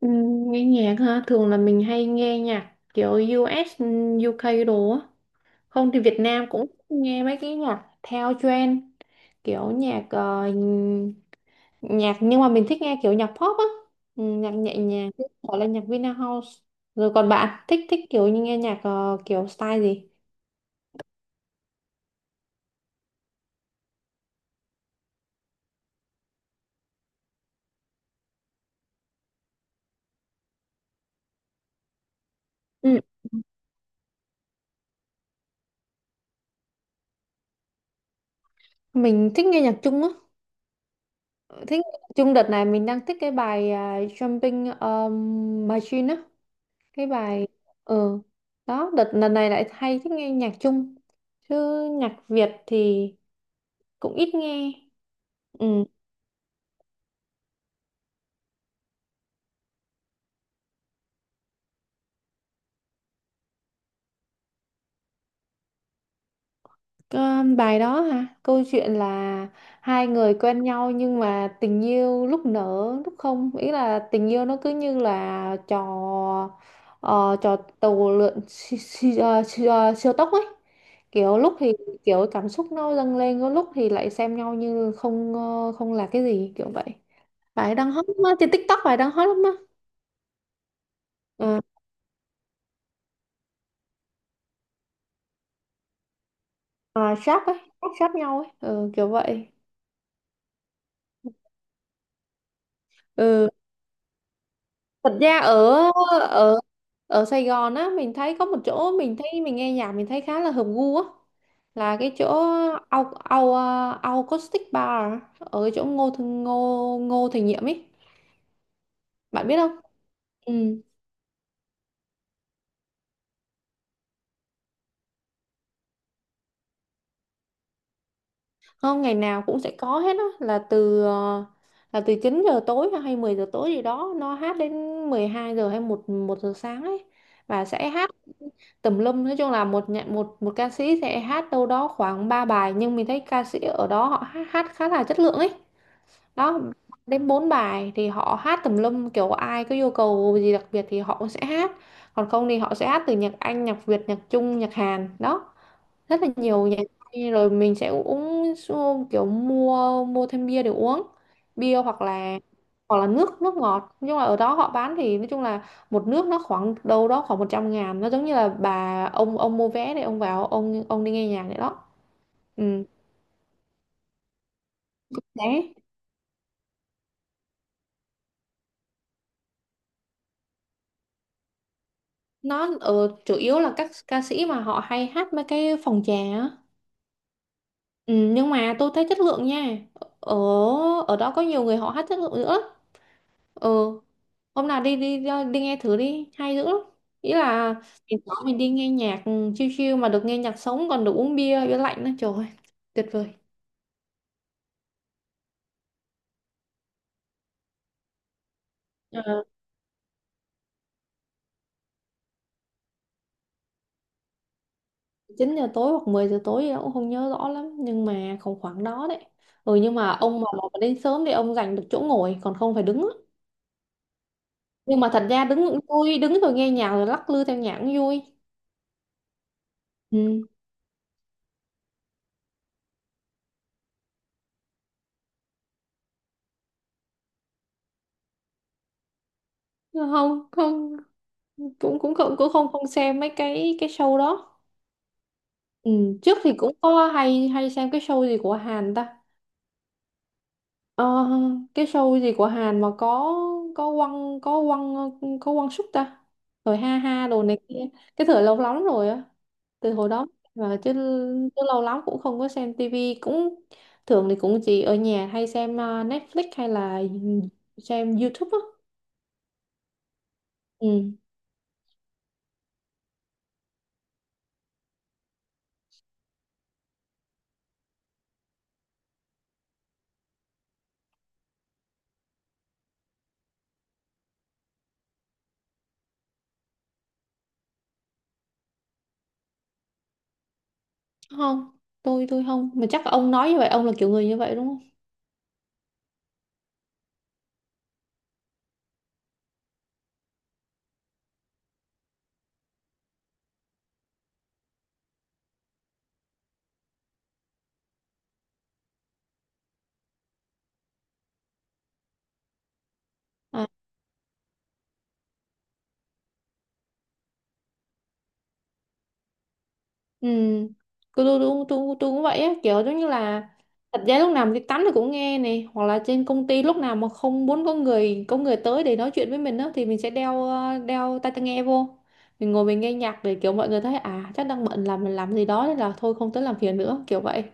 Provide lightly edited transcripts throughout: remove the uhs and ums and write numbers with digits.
Nghe nhạc ha, thường là mình hay nghe nhạc kiểu US, UK đồ á, không thì Việt Nam cũng nghe mấy cái nhạc theo trend, kiểu nhạc nhưng mà mình thích nghe kiểu nhạc pop á. Nhạc nhẹ nhàng, gọi là nhạc Vina House. Rồi còn bạn thích thích kiểu như nghe nhạc kiểu style gì? Ừ. Mình thích nghe nhạc Trung á, thích nhạc Trung. Đợt này mình đang thích cái bài Jumping Machine á, cái bài, ừ, đó. Đợt lần này lại hay thích nghe nhạc Trung chứ nhạc Việt thì cũng ít nghe. Ừ. Có bài đó hả? Câu chuyện là hai người quen nhau nhưng mà tình yêu lúc nở lúc không, ý là tình yêu nó cứ như là trò tàu lượn siêu, siêu, siêu, siêu tốc ấy. Kiểu lúc thì kiểu cảm xúc nó dâng lên, có lúc thì lại xem nhau như không là cái gì kiểu vậy. Bài đang hot lắm á, trên TikTok, bài đang hot lắm á. Ờ, à, sáp ấy, sáp nhau ấy, ừ, kiểu vậy. Ừ. Thật ra ở ở ở Sài Gòn á, mình thấy có một chỗ, mình thấy mình nghe nhạc mình thấy khá là hợp gu á, là cái chỗ au au à, au acoustic bar ở chỗ Ngô Thành Ngô Ngô Thành Nhiệm ấy, bạn biết không? Ừ. Không, ngày nào cũng sẽ có hết á, là là từ 9 giờ tối hay 10 giờ tối gì đó, nó hát đến 12 giờ hay một một giờ sáng ấy. Và sẽ hát tùm lum, nói chung là một nhận một một ca sĩ sẽ hát đâu đó khoảng 3 bài, nhưng mình thấy ca sĩ ở đó họ hát khá là chất lượng ấy đó. Đến 4 bài thì họ hát tùm lum, kiểu ai có yêu cầu gì đặc biệt thì họ cũng sẽ hát, còn không thì họ sẽ hát từ nhạc Anh, nhạc Việt, nhạc Trung, nhạc Hàn đó. Rất là nhiều nhà hàng. Rồi mình sẽ uống kiểu mua mua thêm bia để uống bia, hoặc là nước nước ngọt. Nhưng mà ở đó họ bán thì nói chung là một nước nó khoảng đâu đó khoảng 100.000, nó giống như là bà, ông mua vé để ông vào ông đi nghe nhạc đấy đó. Ừ. Đấy, nó ở chủ yếu là các ca sĩ mà họ hay hát mấy cái phòng trà á. Ừ, nhưng mà tôi thấy chất lượng nha, ở ở đó có nhiều người họ hát chất lượng nữa. Ừ, hôm nào đi đi đi nghe thử đi, hay dữ lắm. Ý là mình có, mình đi nghe nhạc, ừ, chill chill mà được nghe nhạc sống, còn được uống bia bia lạnh nữa, trời ơi, tuyệt vời. Ờ, 9 giờ tối hoặc 10 giờ tối gì đó, cũng không nhớ rõ lắm nhưng mà khoảng khoảng đó đấy. Ừ, nhưng mà ông mà đến sớm thì ông giành được chỗ ngồi, còn không phải đứng á. Nhưng mà thật ra đứng cũng vui, đứng rồi nghe nhạc rồi lắc lư theo nhạc cũng vui. Ừ. Không, không, cũng cũng không không xem mấy cái show đó. Ừ, trước thì cũng có hay hay xem cái show gì của Hàn ta. Ờ, cái show gì của Hàn mà có quăng có quăng có quăng súc ta, rồi ha ha đồ này kia. Cái thời lâu lắm rồi á, từ hồi đó mà chứ lâu lắm cũng không có xem tivi, cũng thường thì cũng chỉ ở nhà hay xem Netflix hay là xem YouTube á. Ừ. Không, tôi không, mà chắc ông nói như vậy ông là kiểu người như vậy đúng không? Ừ, tôi cũng vậy á, kiểu giống như là thật ra lúc nào mình đi tắm thì cũng nghe này, hoặc là trên công ty lúc nào mà không muốn có người tới để nói chuyện với mình á, thì mình sẽ đeo tai tai nghe vô. Mình ngồi mình nghe nhạc để kiểu mọi người thấy à chắc đang bận, làm mình làm gì đó nên là thôi không tới làm phiền nữa, kiểu vậy.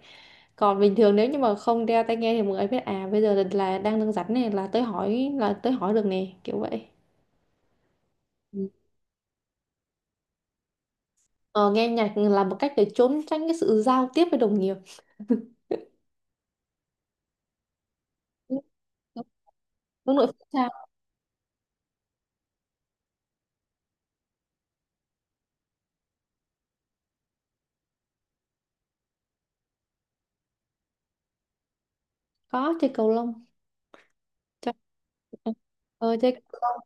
Còn bình thường nếu như mà không đeo tai nghe thì mọi người biết à bây giờ là đang đang rảnh này, là tới hỏi, là tới hỏi được nè, kiểu vậy. Ừ. Ờ, nghe nhạc là một cách để trốn tránh cái sự giao tiếp với đồng nghiệp. Đúng, đúng, đúng rồi. Có chơi cầu lông. chơi ờ, chơi cầu lông.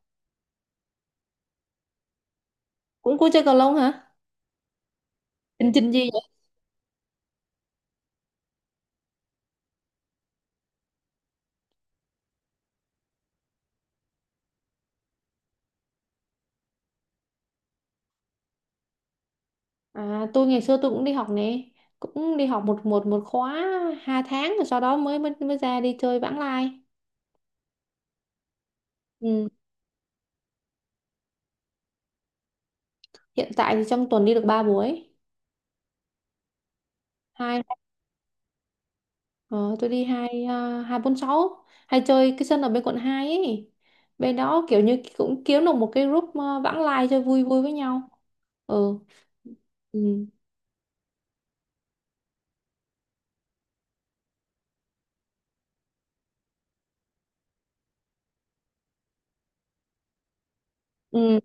Cũng có chơi cầu lông hả? Trình trình gì vậy? À, tôi ngày xưa tôi cũng đi học nè, cũng đi học một một một khóa 2 tháng rồi sau đó mới mới mới ra đi chơi vãng lai. Ừ. Hiện tại thì trong tuần đi được ba buổi, hai ờ, tôi đi hai bốn sáu, hay chơi cái sân ở bên quận hai ấy. Bên đó kiểu như cũng kiếm được một cái group, à, vãng lai chơi vui vui với nhau. Ừ. Ừ, ừ.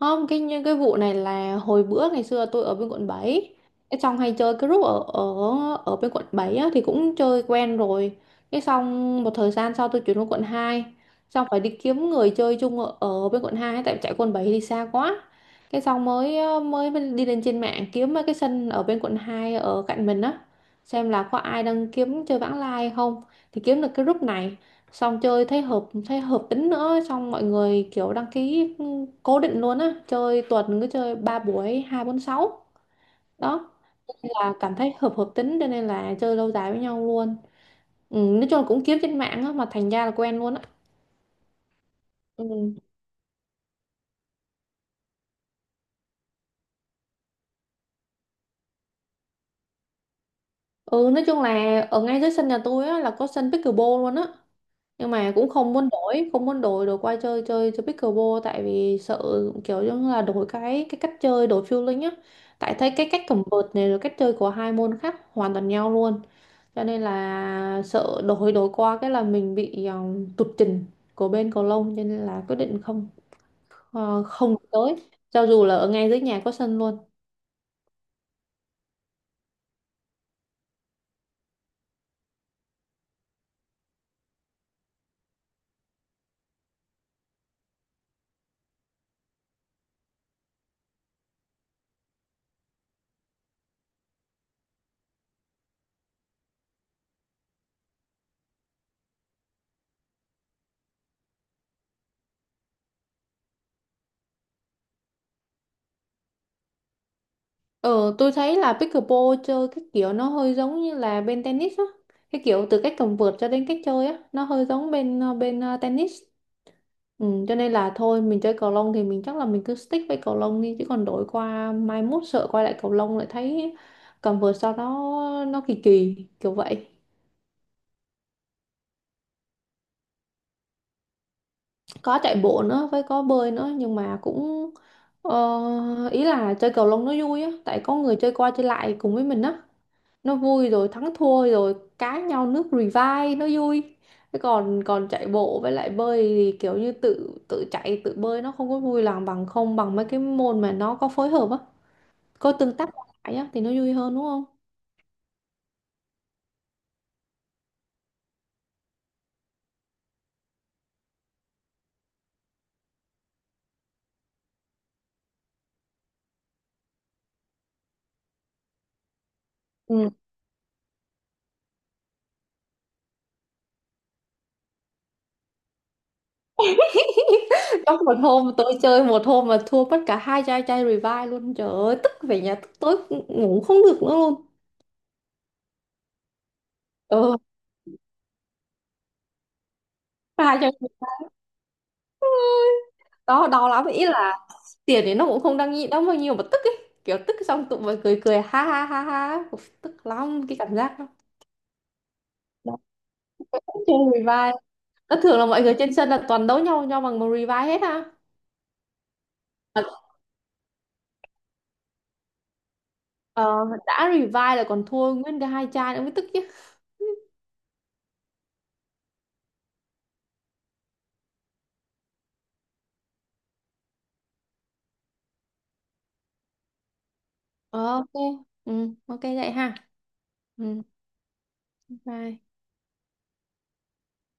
Không, cái vụ này là hồi bữa ngày xưa tôi ở bên quận bảy. Cái xong hay chơi cái group ở, ở bên quận 7 á, thì cũng chơi quen rồi. Cái xong một thời gian sau tôi chuyển qua quận hai. Xong phải đi kiếm người chơi chung ở bên quận hai, tại chạy quận 7 thì xa quá. Cái xong mới đi lên trên mạng kiếm mấy cái sân ở bên quận 2 ở cạnh mình á, xem là có ai đang kiếm chơi vãng lai không. Thì kiếm được cái group này, xong chơi thấy hợp tính nữa, xong mọi người kiểu đăng ký, cố định luôn á, chơi tuần cứ chơi ba buổi hai bốn sáu đó. Nên là cảm thấy hợp hợp tính, cho nên là chơi lâu dài với nhau luôn. Ừ, nói chung là cũng kiếm trên mạng á mà thành ra là quen luôn á. Ừ. Ừ, nói chung là ở ngay dưới sân nhà tôi á là có sân pickleball luôn á, nhưng mà cũng không muốn đổi đổi qua chơi chơi chơi pickleball, tại vì sợ kiểu như là đổi cái cách chơi, đổi feeling á. Tại thấy cái cách cầm vợt này rồi cách chơi của hai môn khác hoàn toàn nhau luôn, cho nên là sợ đổi đổi qua cái là mình bị, tụt trình của bên cầu lông, cho nên là quyết định không tới, cho dù là ở ngay dưới nhà có sân luôn. Ờ, tôi thấy là pickleball chơi cái kiểu nó hơi giống như là bên tennis á. Cái kiểu từ cách cầm vợt cho đến cách chơi á, nó hơi giống tennis. Ừ, cho nên là thôi mình chơi cầu lông thì mình chắc là mình cứ stick với cầu lông đi, chứ còn đổi qua mai mốt sợ quay lại cầu lông lại thấy cầm vợt sau đó nó kỳ kỳ kiểu vậy. Có chạy bộ nữa với có bơi nữa, nhưng mà cũng ý là chơi cầu lông nó vui á, tại có người chơi qua chơi lại cùng với mình á, nó vui rồi thắng thua rồi cá nhau nước revive nó vui. Thế còn còn chạy bộ với lại bơi thì kiểu như tự tự chạy tự bơi, nó không có vui lòng bằng, không bằng mấy cái môn mà nó có phối hợp á, có tương tác qua lại á thì nó vui hơn đúng không? Ừ. Trong một hôm tôi chơi, một hôm mà thua mất cả hai chai chai revive luôn, trời ơi, tức, về nhà tức tối ngủ không được nữa luôn. Ừ, hai chai, đó đau lắm. Ý là tiền thì nó cũng không đáng nghĩ đâu bao nhiêu, mà tức ấy, kiểu tức xong tụi mình cười cười ha ha ha ha, Uf, tức lắm cái cảm giác đó. Đó, cũng chơi revive, nó thường là mọi người trên sân là toàn đấu nhau nhau bằng một revive hết ha. Mà, ờ, đã revive là còn thua nguyên cái hai chai nữa mới tức chứ. Ờ, ok. Ừ, ok vậy ha. Ừ, bye.